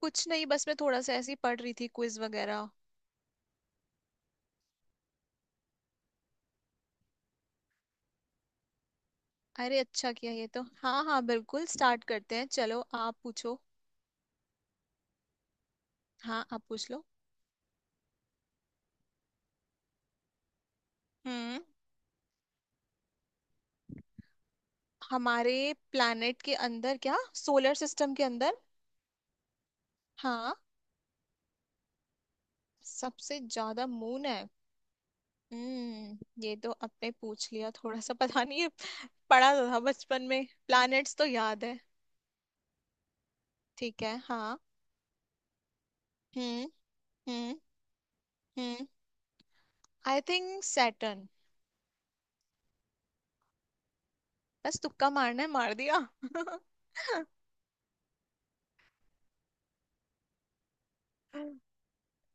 कुछ नहीं, बस मैं थोड़ा सा ऐसे ही पढ़ रही थी क्विज वगैरह। अरे अच्छा किया ये तो। हाँ हाँ बिल्कुल, स्टार्ट करते हैं, चलो आप पूछो। हाँ आप पूछ लो। हम्म। हमारे प्लैनेट के अंदर क्या सोलर सिस्टम के अंदर? हाँ। सबसे ज्यादा मून है। हम्म, ये तो आपने पूछ लिया, थोड़ा सा पता नहीं है। पढ़ा तो था बचपन में, प्लैनेट्स तो याद है। ठीक है, हाँ। हम्म। हम्म। हम्म, आई थिंक सैटर्न। बस तुक्का मारना है, मार दिया।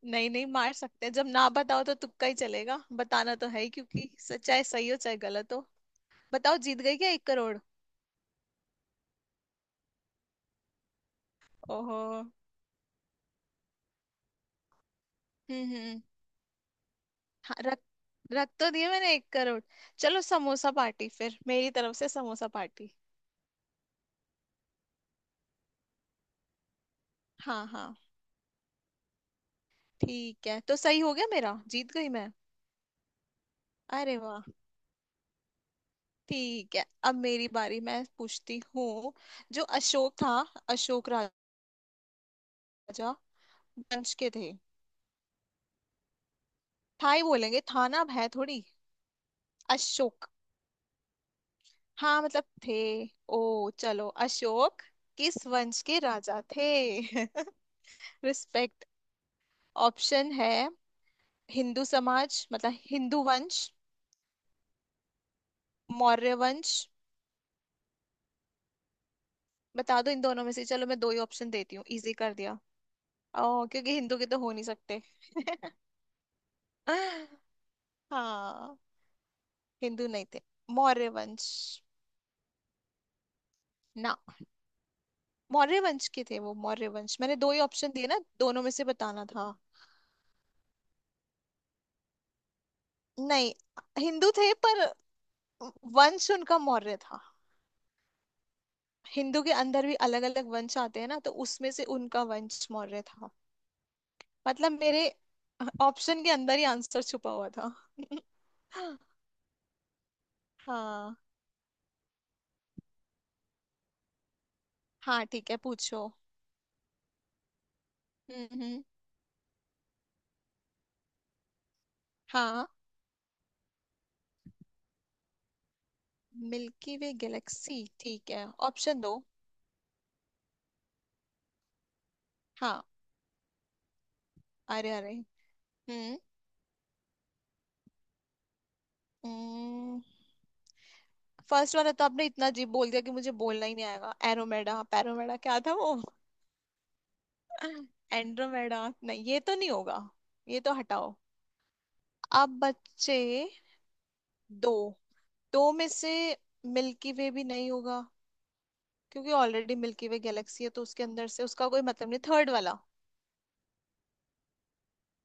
नहीं नहीं, मार सकते हैं, जब ना बताओ तो तुक्का ही चलेगा, बताना तो है ही, क्योंकि चाहे सही हो चाहे गलत हो। बताओ, जीत गई क्या 1 करोड़? ओहो। हम्म। हाँ, रख रख तो दिए मैंने 1 करोड़। चलो समोसा पार्टी, फिर मेरी तरफ से समोसा पार्टी। हाँ हाँ। ठीक है तो सही हो गया मेरा, जीत गई मैं। अरे वाह। ठीक है, अब मेरी बारी, मैं पूछती हूँ। जो अशोक था। अशोक राजा वंश के थे। था ही बोलेंगे, था ना, अब है थोड़ी। अशोक। हाँ मतलब थे। ओ चलो, अशोक किस वंश के राजा थे? रिस्पेक्ट। ऑप्शन है। हिंदू समाज मतलब हिंदू वंश। मौर्य वंश। बता दो इन दोनों में से, चलो मैं दो ही ऑप्शन देती हूँ, इजी कर दिया। ओ क्योंकि हिंदू के तो हो नहीं सकते। हाँ। हिंदू नहीं थे। मौर्य वंश। ना। मौर्य वंश के थे वो, मौर्य वंश, मैंने दो ही ऑप्शन दिए ना, दोनों में से बताना था। नहीं, हिंदू थे पर वंश उनका मौर्य था। हिंदू के अंदर भी अलग अलग वंश आते हैं ना, तो उसमें से उनका वंश मौर्य था। मतलब मेरे ऑप्शन के अंदर ही आंसर छुपा हुआ था। हाँ हाँ, ठीक है पूछो। हम्म हम्म, हाँ। मिल्की वे गैलेक्सी, ठीक है, ऑप्शन दो। हाँ। अरे अरे। हम्म। फर्स्ट वाला तो आपने इतना जी बोल दिया कि मुझे बोलना ही नहीं आएगा। एरोमेडा पैरोमेडा क्या था वो? एंड्रोमेडा नहीं, ये तो नहीं होगा, ये तो हटाओ। अब बच्चे दो, दो में से मिल्की वे भी नहीं होगा, क्योंकि ऑलरेडी मिल्की वे गैलेक्सी है तो उसके अंदर से उसका कोई मतलब नहीं। थर्ड वाला।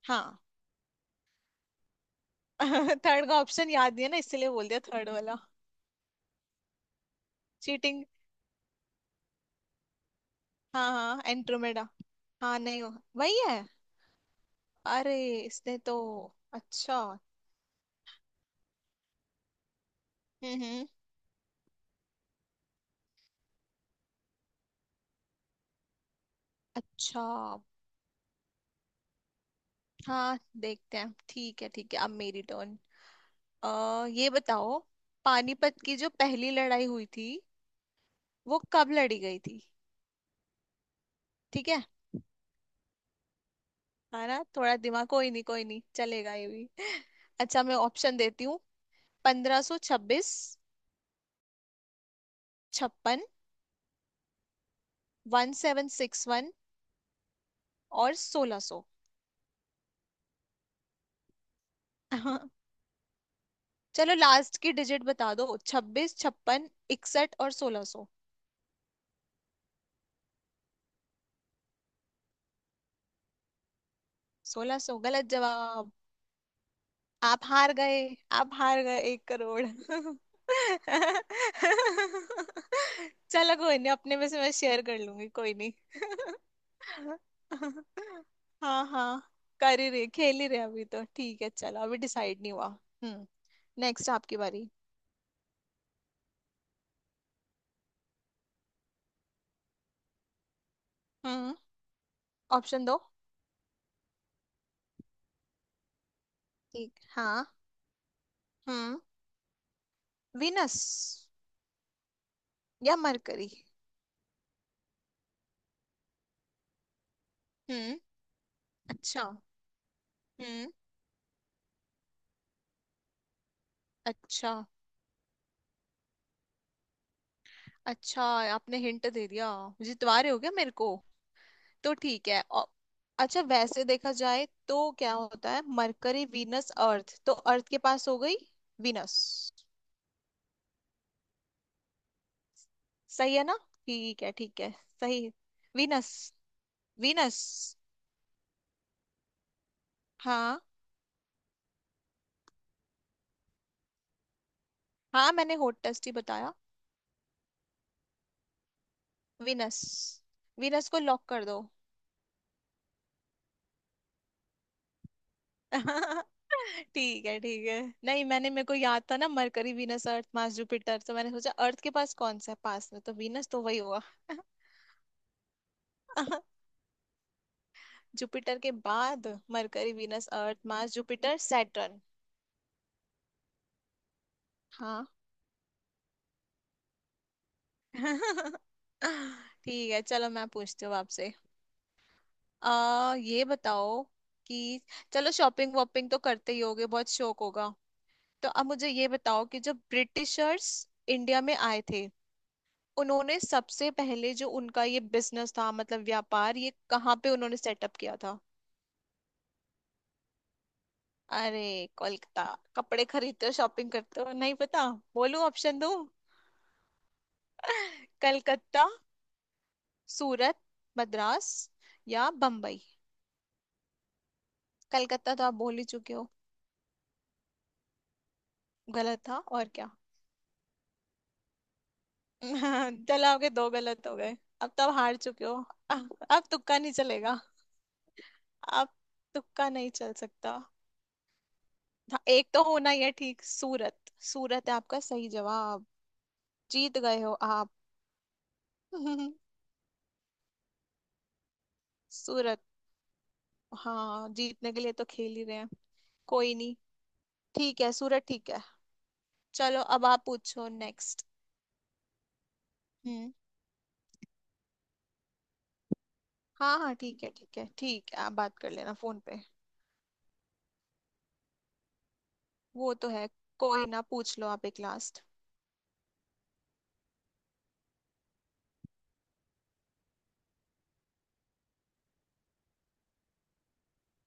हाँ। थर्ड का ऑप्शन याद नहीं है ना, इसलिए बोल दिया थर्ड वाला। चीटिंग। हाँ हाँ एंड्रोमेडा। हाँ नहीं हो, वही है। अरे इसने तो। अच्छा। हम्म। अच्छा। हाँ देखते हैं, ठीक है ठीक है, अब मेरी टर्न। अ ये बताओ। पानीपत की जो पहली लड़ाई हुई थी, वो कब लड़ी गई थी? ठीक है। हाँ ना, थोड़ा दिमाग, कोई नहीं कोई नहीं, चलेगा ये भी। अच्छा मैं ऑप्शन देती हूँ। 1526। 56। 1761। और 1600। चलो लास्ट की डिजिट बता दो, 26, छप्पन, 61 और 1600। 1600 गलत जवाब। आप हार गए। आप हार गए 1 करोड़। चलो कोई नहीं, अपने में से मैं शेयर कर लूंगी, कोई नहीं। हाँ हाँ, कर ही रहे, खेल ही रहे अभी तो, ठीक है चलो, अभी डिसाइड नहीं हुआ। हम्म। नेक्स्ट आपकी बारी। हम्म। ऑप्शन दो। ठीक, हाँ। हम्म। विनस। या मरकरी। हम्म। अच्छा। हम्म। अच्छा। अच्छा, आपने हिंट दे दिया, जितवा रहे हो क्या मेरे को? तो ठीक है अच्छा वैसे देखा जाए तो क्या होता है, मरकरी, वीनस, अर्थ, तो अर्थ के पास हो गई वीनस। सही है ना? ठीक है ठीक है। सही। वीनस। वीनस। हाँ, हाँ मैंने होट टेस्ट ही बताया। वीनस। वीनस को लॉक कर दो। ठीक है ठीक है, नहीं मैंने, मेरे को याद था ना, mercury, venus, earth, mars, jupiter, तो मैंने सोचा अर्थ के पास कौन सा है, पास में तो वीनस, तो वही होगा। जुपिटर के बाद, mercury, venus, earth, mars, jupiter, saturn. हाँ। ठीक है चलो, मैं पूछती हूँ आपसे। आ ये बताओ कि, चलो शॉपिंग वॉपिंग तो करते ही होगे, बहुत शौक होगा। तो अब मुझे ये बताओ कि जब ब्रिटिशर्स इंडिया में आए थे, उन्होंने सबसे पहले जो उनका ये बिजनेस था मतलब व्यापार, ये कहाँ पे उन्होंने सेटअप किया था? अरे कोलकाता, कपड़े खरीदते हो, शॉपिंग करते हो, नहीं पता? बोलूं ऑप्शन दो। कलकत्ता, सूरत, मद्रास या बम्बई। कलकत्ता तो आप बोल ही चुके हो, गलत था, और क्या। चलो आपके दो गलत हो गए, अब तो आप हार चुके हो। अब तुक्का नहीं चलेगा, अब तुक्का नहीं चल सकता। हाँ, एक तो होना ही है, ठीक, सूरत। सूरत है आपका सही जवाब। जीत गए हो आप। सूरत। हाँ जीतने के लिए तो खेल ही रहे हैं, कोई नहीं, ठीक है, सूरत, ठीक है। चलो अब आप पूछो नेक्स्ट। हम्म। हाँ हाँ, ठीक है ठीक है ठीक है, आप बात कर लेना फोन पे। वो तो है। कोई ना, पूछ लो आप एक लास्ट।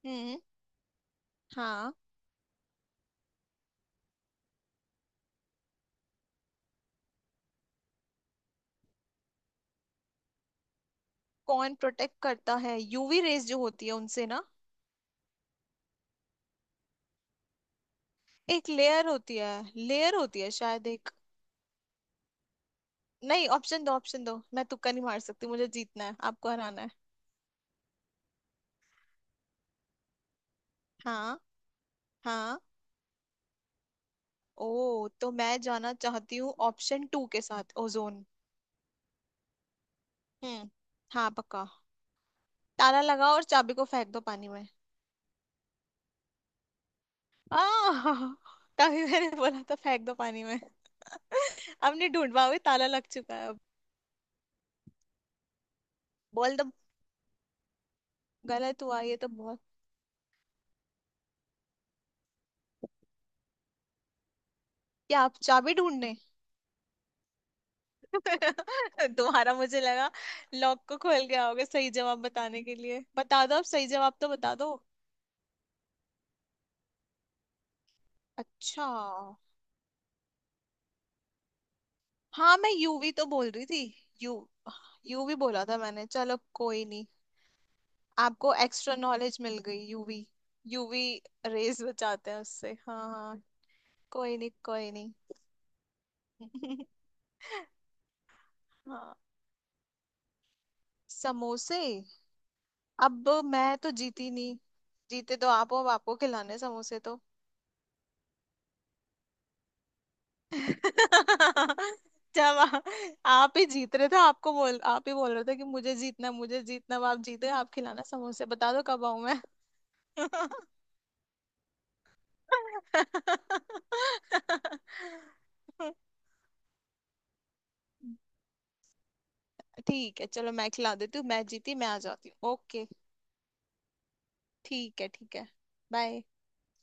हम्म। हाँ। कौन प्रोटेक्ट करता है, यूवी रेज जो होती है उनसे ना? एक लेयर होती है, लेयर होती है शायद एक। नहीं ऑप्शन दो, ऑप्शन दो, मैं तुक्का नहीं मार सकती, मुझे जीतना है, आपको हराना है। हाँ। हाँ। ओ तो मैं जाना चाहती हूँ ऑप्शन टू के साथ, ओजोन। हम्म। हाँ पक्का। ताला लगाओ और चाबी को फेंक दो पानी में। आ तभी मैंने बोला था फेंक दो पानी में। अब नहीं ढूंढ पाओगे, ताला लग चुका है अब। बोल दो। गलत हुआ ये तो बहुत। क्या आप चाबी ढूंढने, तुम्हारा, मुझे लगा लॉक को खोल के आओगे सही जवाब बताने के लिए। बता दो अब सही जवाब तो बता दो। अच्छा। हाँ मैं यूवी तो बोल रही थी। यू, यूवी बोला था मैंने, चलो कोई नहीं। आपको एक्स्ट्रा नॉलेज मिल गई, यूवी। यूवी रेज बचाते हैं उससे, हाँ हाँ। कोई नहीं कोई नहीं। हाँ। समोसे। अब मैं तो जीती नहीं, जीते तो आप हो, अब आपको खिलाने समोसे तो। जब आ- आप ही जीत रहे थे, आपको बोल, आप ही बोल रहे थे कि मुझे जीतना है, अब आप जीते, आप खिलाना समोसे, बता दो कब आऊं मैं। ठीक है चलो, मैं खिला देती हूँ, मैं जीती, मैं आ जाती हूँ, ओके। ठीक है ठीक है, बाय।